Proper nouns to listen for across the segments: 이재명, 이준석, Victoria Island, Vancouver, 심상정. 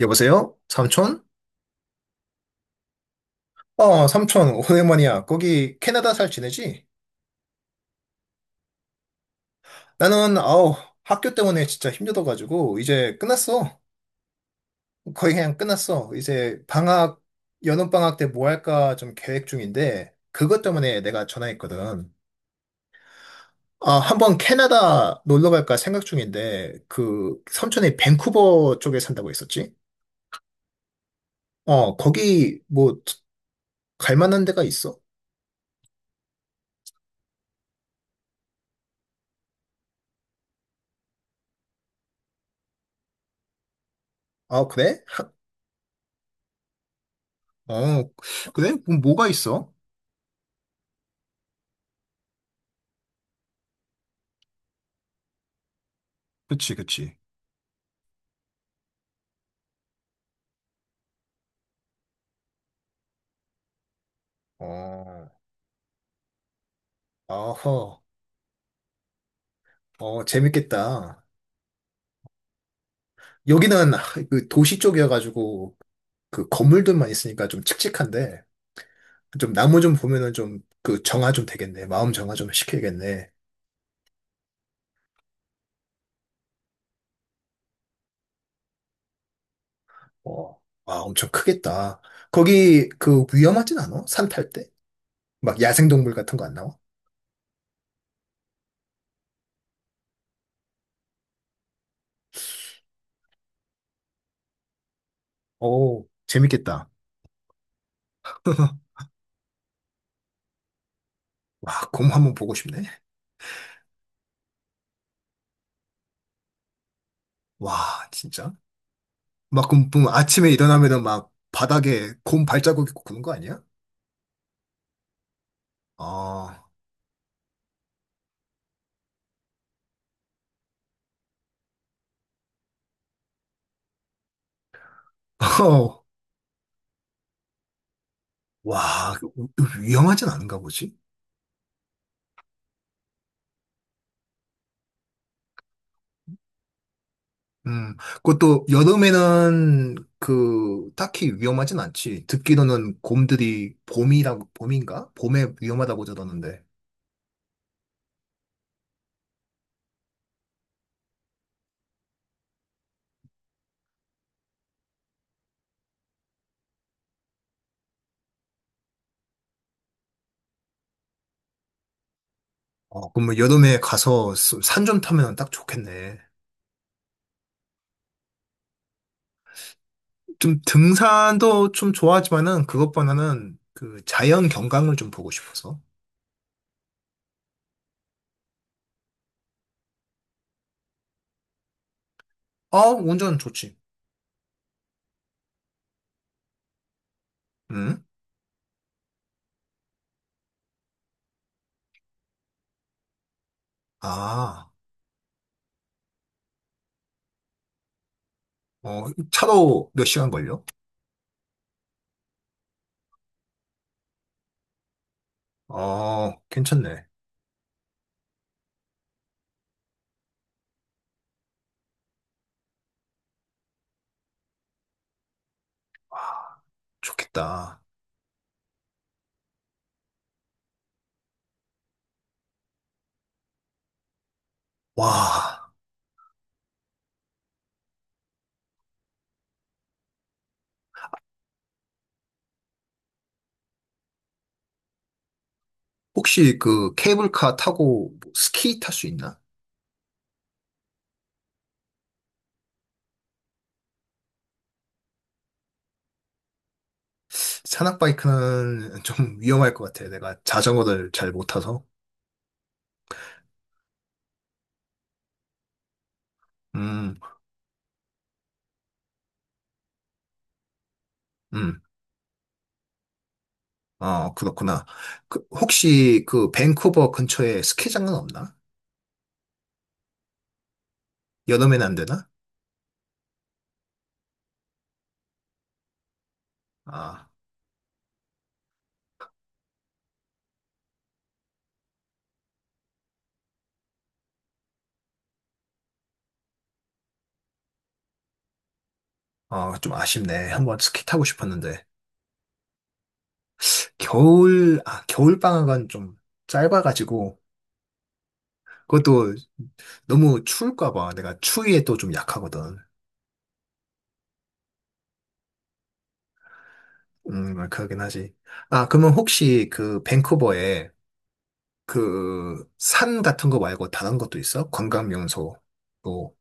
여보세요? 삼촌? 어, 삼촌, 오랜만이야. 거기 캐나다 잘 지내지? 나는, 아우, 학교 때문에 진짜 힘들어가지고, 이제 끝났어. 거의 그냥 끝났어. 이제 방학, 여름방학 때 뭐 할까 좀 계획 중인데, 그것 때문에 내가 전화했거든. 아, 한번 캐나다 놀러 갈까 생각 중인데, 그, 삼촌이 밴쿠버 쪽에 산다고 했었지? 어, 거기 뭐, 갈 만한 데가 있어? 아, 그래? 어, 그래? 그럼 뭐가 있어? 그치, 그치. 어, 아허, 어, 재밌겠다. 여기는 그 도시 쪽이어가지고 그 건물들만 있으니까 좀 칙칙한데 좀 나무 좀 보면은 좀 그 정화 좀 되겠네. 마음 정화 좀 시켜야겠네. 어, 아, 엄청 크겠다. 거기 그 위험하진 않아? 산 탈 때? 막 야생동물 같은 거 안 나와? 오, 재밌겠다. 와, 곰 한번 보고 싶네. 와, 진짜. 막 그럼 보면 아침에 일어나면은 막 바닥에 곰 발자국 있고 그런 거 아니야? 아, 와, 위험하진 않은가 보지? 음, 그것도 여름에는 그 딱히 위험하진 않지. 듣기로는 곰들이 봄이라고, 봄인가? 봄에 위험하다고 들었는데. 어, 그럼 여름에 가서 산 좀 타면 딱 좋겠네. 좀 등산도 좀 좋아하지만은 그것보다는 그 자연 경관을 좀 보고 싶어서. 어, 운전 좋지. 응? 아, 어, 차로 몇 시간 걸려? 어, 괜찮네. 좋겠다. 와. 혹시 그 케이블카 타고 뭐 스키 탈 수 있나? 산악바이크는 좀 위험할 것 같아. 내가 자전거를 잘 못 타서. 음, 음, 어, 그렇구나. 그, 혹시 그 밴쿠버 근처에 스키장은 없나? 여름엔 안 되나? 아, 아, 좀 아쉽네. 한번 스키 타고 싶었는데. 겨울, 아, 겨울 방학은 좀 짧아가지고. 그것도 너무 추울까 봐. 내가 추위에 또 좀 약하거든. 그러긴 하지. 아, 그러면 혹시 그 밴쿠버에 그, 산 같은 거 말고 다른 것도 있어? 관광 명소. 또,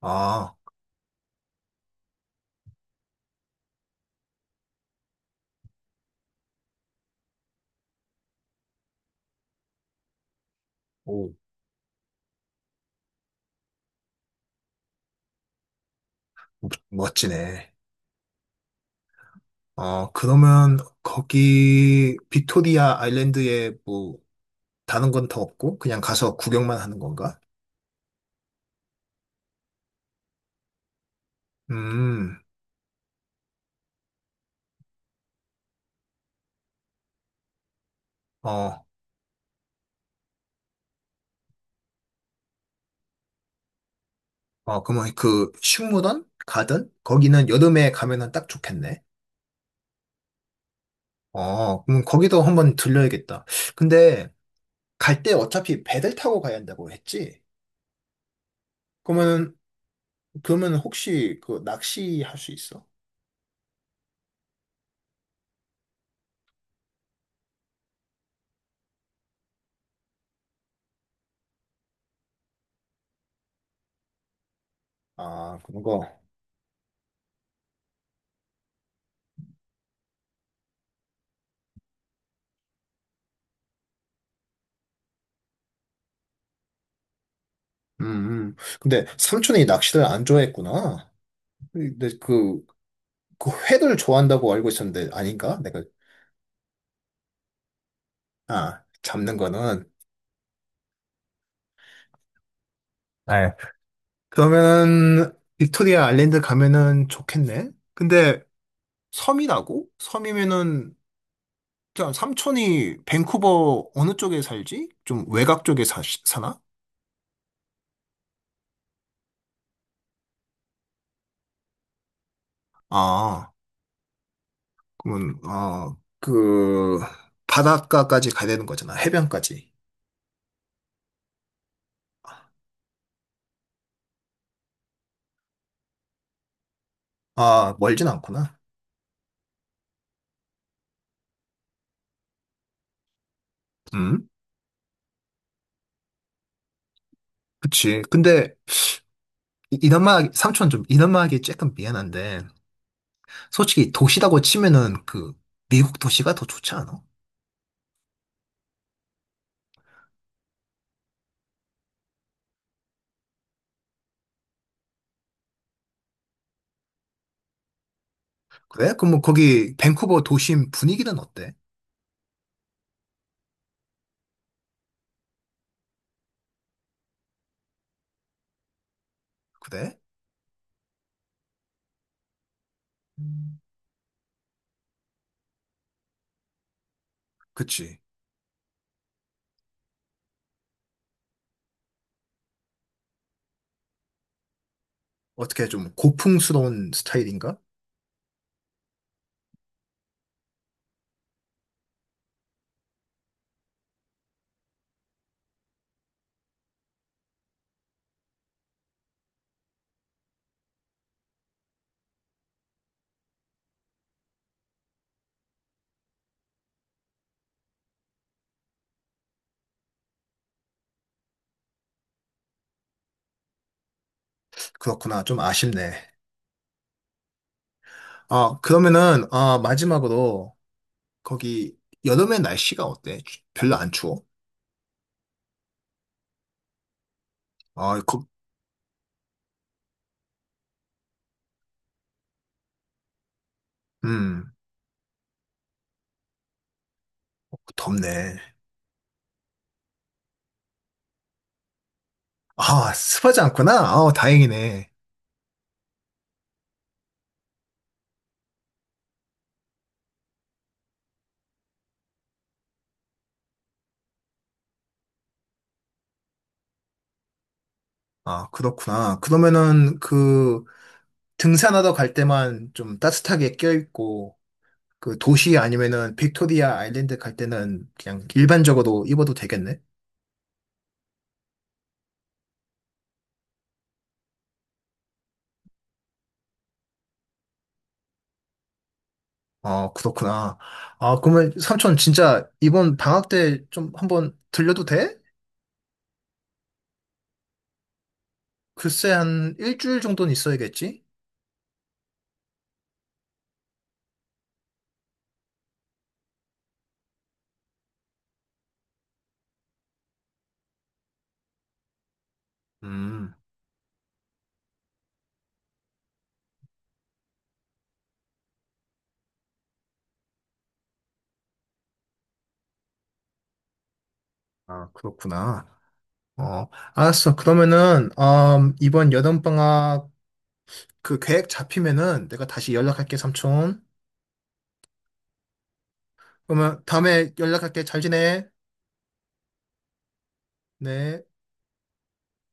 아, 오, 멋지네. 어, 그러면 거기 빅토리아 아일랜드에 뭐, 다른 건 더 없고, 그냥 가서 구경만 하는 건가? 음, 어, 어, 그러면 그 식물원? 가든? 거기는 여름에 가면은 딱 좋겠네. 어, 그럼 거기도 한번 들려야겠다. 근데 갈 때 어차피 배를 타고 가야 한다고 했지? 그러면 그러면 혹시 그 낚시 할 수 있어? 아, 그런 거. 음, 근데 삼촌이 낚시를 안 좋아했구나. 근데 그, 그 회를 좋아한다고 알고 있었는데 아닌가? 내가, 아, 잡는 거는. 네. 그러면은 빅토리아 아일랜드 가면은 좋겠네. 근데 섬이라고? 섬이면은 자, 삼촌이 밴쿠버 어느 쪽에 살지? 좀 외곽 쪽에 사, 사나? 아, 그러면, 아, 그, 바닷가까지 가야 되는 거잖아. 해변까지. 아, 멀진 않구나. 음, 그치. 근데, 이남아, 삼촌 좀, 이남아 하기 조금 미안한데, 솔직히 도시라고 치면은 그, 미국 도시가 더 좋지 않아? 그래? 그럼 뭐 거기, 밴쿠버 도심 분위기는 어때? 그래? 음. 그치. 어떻게 좀 고풍스러운 스타일인가? 그렇구나. 좀 아쉽네. 아, 그러면은, 아, 마지막으로, 거기, 여름에 날씨가 어때? 별로 안 추워? 아, 거, 음, 덥네. 아, 습하지 않구나. 아, 다행이네. 아, 그렇구나. 그러면은 그 등산하러 갈 때만 좀 따뜻하게 껴입고 그 도시 아니면은 빅토리아 아일랜드 갈 때는 그냥 일반적으로 입어도 되겠네. 아, 그렇구나. 아, 그러면 삼촌 진짜 이번 방학 때 좀 한번 들려도 돼? 글쎄 한 일주일 정도는 있어야겠지? 음, 아, 그렇구나. 어, 알았어. 그러면은, 이번 여름방학 그 계획 잡히면은 내가 다시 연락할게, 삼촌. 그러면 다음에 연락할게. 잘 지내. 네.